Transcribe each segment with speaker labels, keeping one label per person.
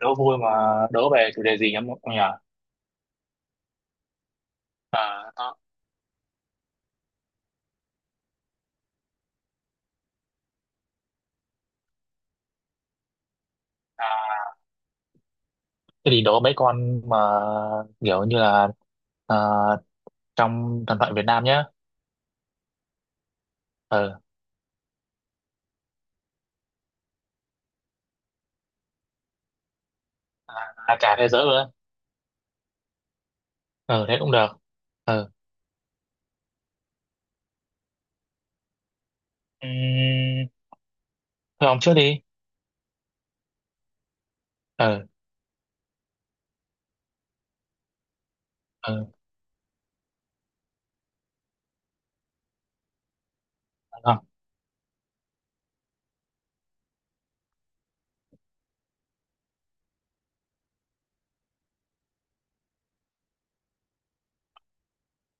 Speaker 1: Đố vui mà. Đố về chủ đề gì nhỉ ông nhỉ? Đó. à, Thế thì đố mấy con mà kiểu như là à, trong thần thoại Việt Nam nhé. Ừ. À, cả thế giới luôn á. Ừ, thế cũng được. Ừ. Ừm, Thôi ông trước đi. Ừ. Ừ, không,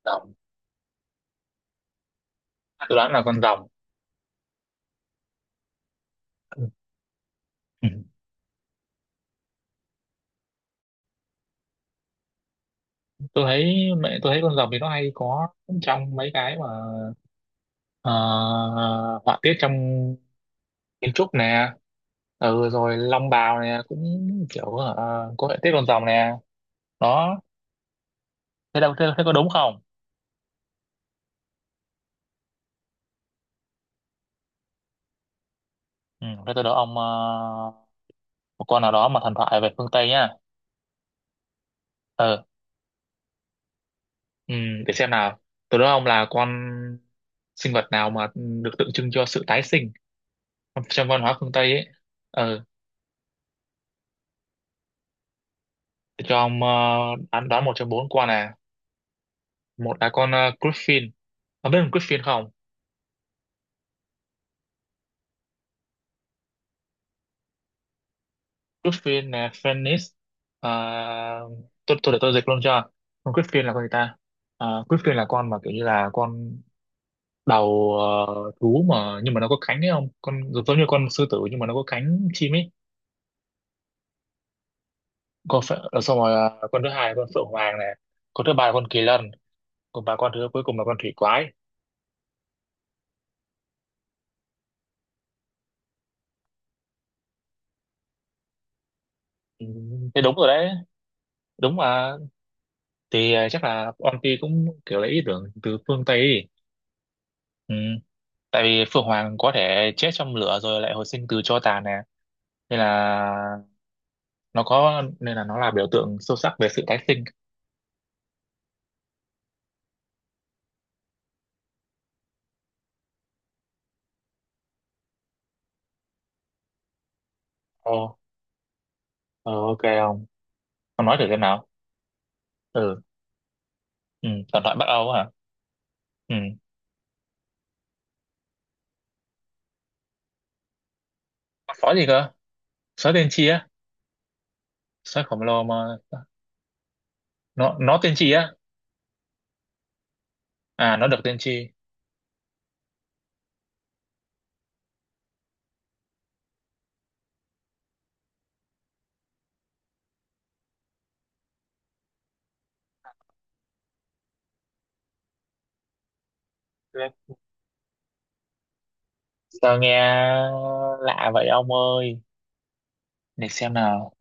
Speaker 1: rồng. Tôi đoán là con rồng. Ừ. Ừ. Tôi thấy mẹ tôi thấy con rồng thì nó hay có trong mấy cái mà ờ, họa tiết trong kiến trúc nè. Ừ, rồi Long Bào nè cũng kiểu có hệ tiết con rồng nè. Đó. Thế đâu thế có đúng không? Ừ, thế tôi đố ông một con nào đó mà thần thoại về phương Tây nhá. Ờ. Ừ, để xem nào. Tôi đố ông là con sinh vật nào mà được tượng trưng cho sự tái sinh trong trong văn hóa phương Tây ấy. Ờ, để cho ông đoán đoán một trong bốn con này. Một là con Griffin. Ông biết con Griffin không? Griffin nè, Phoenix. Tôi để tôi dịch luôn cho. Con Griffin là con gì ta? À, Griffin là con mà kiểu như là con đầu, thú mà, nhưng mà nó có cánh ấy, không con giống giống như con sư tử nhưng mà nó có cánh chim ấy. Con phệ, xong rồi. Con thứ hai là con phượng hoàng này, con thứ ba là con kỳ lân, còn ba con thứ cuối cùng là con thủy quái. Ừ, thế đúng rồi đấy. Đúng mà. Thì chắc là Onti cũng kiểu lấy ý tưởng từ phương Tây ấy. Ừ. Tại vì phượng hoàng có thể chết trong lửa rồi lại hồi sinh từ tro tàn nè, nên là nó có, nên là nó là biểu tượng sâu sắc về sự tái sinh. Ồ. ờ, ok không? Con nói thử xem nào. Ừ. Ừ, thần thoại Bắc Âu hả? Ừ. Sói gì cơ? Sói tiên tri á? Sói khổng lồ mà. Nó tiên tri á? À, nó được tiên tri. Được. Sao nghe lạ vậy ông ơi? Để xem nào.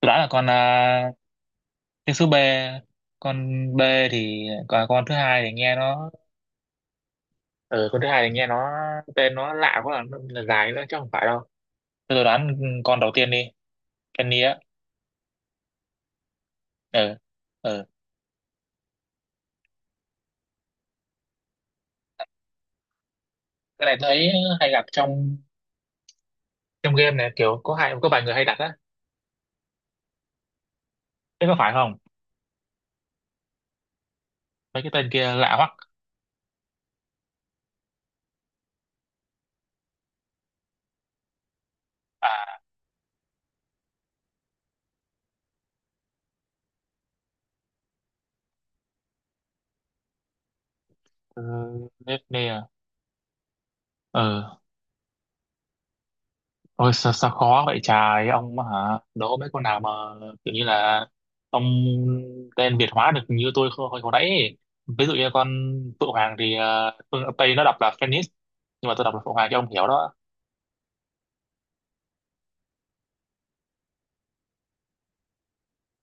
Speaker 1: Tôi đoán là con cái số B. Con B. Thì còn con thứ hai thì nghe nó. Ừ, con thứ hai thì nghe nó, tên nó lạ quá là dài nữa chứ không phải đâu. Thế tôi đoán con đầu tiên đi. Penny á. Ờ. Ờ, cái này thấy hay gặp trong trong game này, kiểu có hai, có vài người hay đặt á. Thế có phải không? Mấy cái tên kia lạ hoắc. À. Ừ, Nefne à. Ờ. Ôi sao, sao khó vậy trời ông mà hả, đố mấy con nào mà kiểu như là ông tên Việt hóa được như tôi hồi, hồi hồi nãy ấy. Ví dụ như con Phượng Hoàng thì phương Tây nó đọc là Phoenix, nhưng mà tôi đọc là Phượng Hoàng cho ông hiểu đó.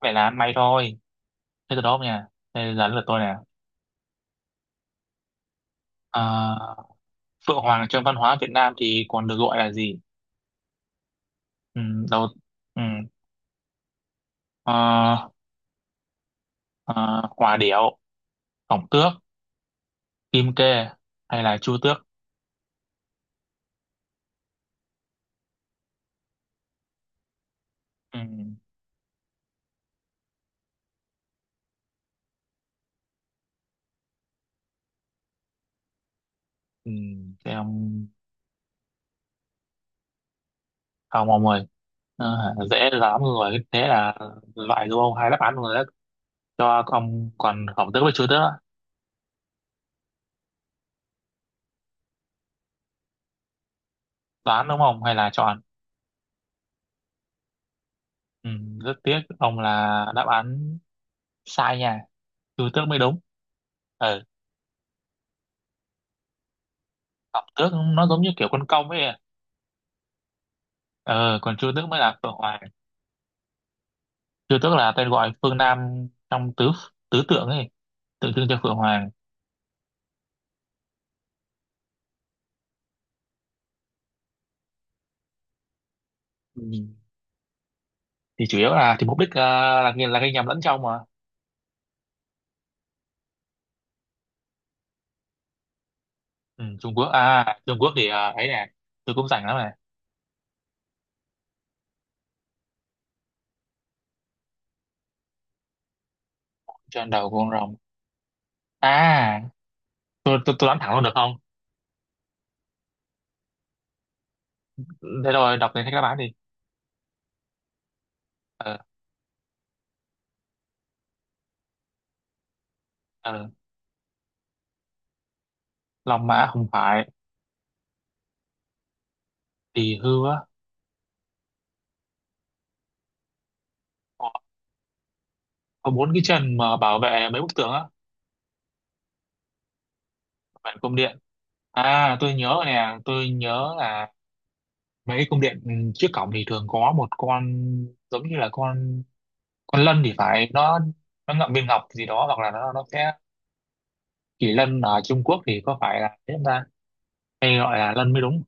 Speaker 1: Vậy là ăn may thôi. Thế từ đó không nha. Đây là lượt tôi nè. À, Phượng Hoàng trong văn hóa Việt Nam thì còn được gọi là gì? Ừ, đầu. Ừ. ờ, ờ, Hòa điểu, Khổng tước, Kim kê hay là Chu tước? Ừ. Ừ, thế ông ơi. Ờ, dễ lắm rồi, thế là loại đúng không, hai đáp án rồi đấy cho ông, còn Khổng tước với Chu tước á. Đoán đúng không hay là chọn? Ừ, rất tiếc ông, là đáp án sai nha. Chu tước mới đúng. Ừ, Khổng tước nó giống như kiểu con công ấy. Ờ Còn Chu tước mới là Phượng Hoàng. Chưa tức là tên gọi phương Nam trong tứ tứ tượng ấy, tượng trưng cho Phượng Hoàng. Ừ. Thì chủ yếu là thì mục đích là gây nhầm lẫn trong mà. Ừ, Trung Quốc à, Trung Quốc thì ấy nè. Tôi cũng rảnh lắm này. Trên đầu con rồng. À, tôi đoán thẳng luôn được không? Thế rồi đọc đến các đáp án đi. Ờ. Ờ, Long Mã không phải. Thì hư á? Có có bốn cái chân mà bảo vệ mấy bức tường á? Bảo vệ cung điện. À, tôi nhớ rồi nè, tôi nhớ là mấy cung điện trước cổng thì thường có một con giống như là con lân thì phải, nó ngậm viên ngọc gì đó hoặc là nó sẽ... Kỳ lân ở Trung Quốc thì có phải là thế không ta, hay gọi là lân mới đúng?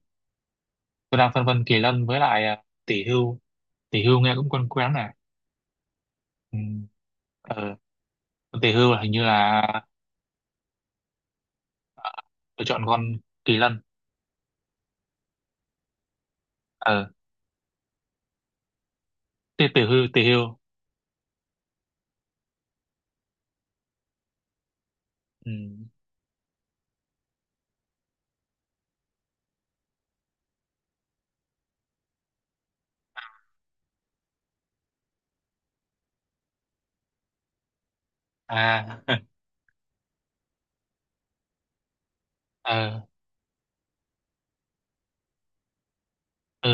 Speaker 1: Tôi đang phân vân kỳ lân với lại tỷ hưu. Tỷ hưu nghe cũng quen quen này. Ừ. ờ, Tỷ hưu là hình như là... À, tôi chọn con kỳ lân. Ờ. tỷ tỷ hưu Ừ. À. Ờ. Ừ.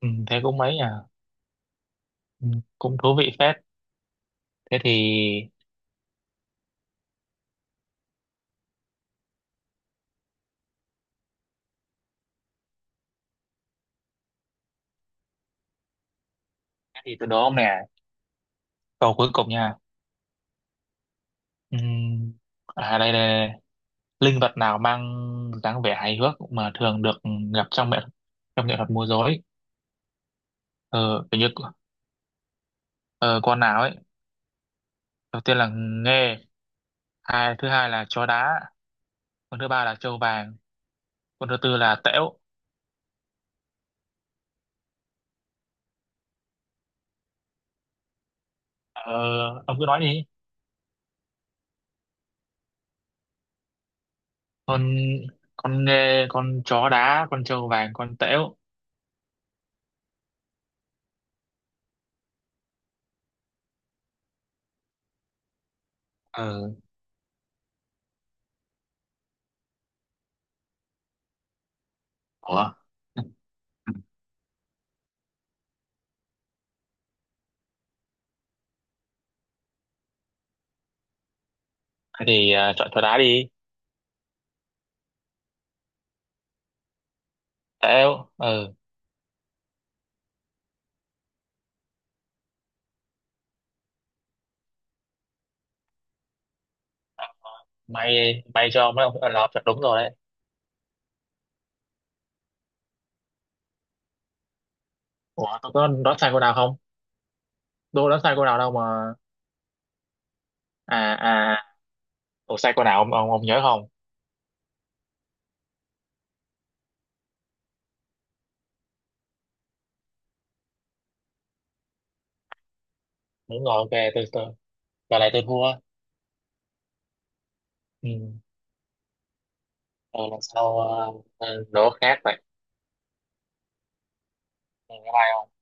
Speaker 1: Ừ, thế cũng mấy à. Ừ. Cũng thú vị phết. Thế thì thế thì tôi đố ông nè, câu cuối cùng nha. Ừ. À, đây đây đây. Linh vật nào mang dáng vẻ hài hước mà thường được gặp trong nghệ thuật múa rối? Ờ, kiểu như ờ, con nào ấy? Đầu tiên là nghê, thứ hai là chó đá, con thứ ba là trâu vàng, con thứ tư là tễu. Ờ, ông cứ nói đi. Con con nghê, con chó đá, con trâu vàng, con tễu. Ờ. Ủa. Thế thì chọn chó đá đi. Tễu. Ờ. may may cho mấy ông là chọn đúng rồi đấy. Ủa, tôi có đoán sai cô nào không? Tôi đoán sai cô nào đâu mà. À, à. Ủa, sai câu nào ông, nhớ không? Đúng rồi, ok, tôi, tôi, giờ này tôi thua. Ừ. Rồi lần sau đố khác vậy. Ừ, bye bye ông.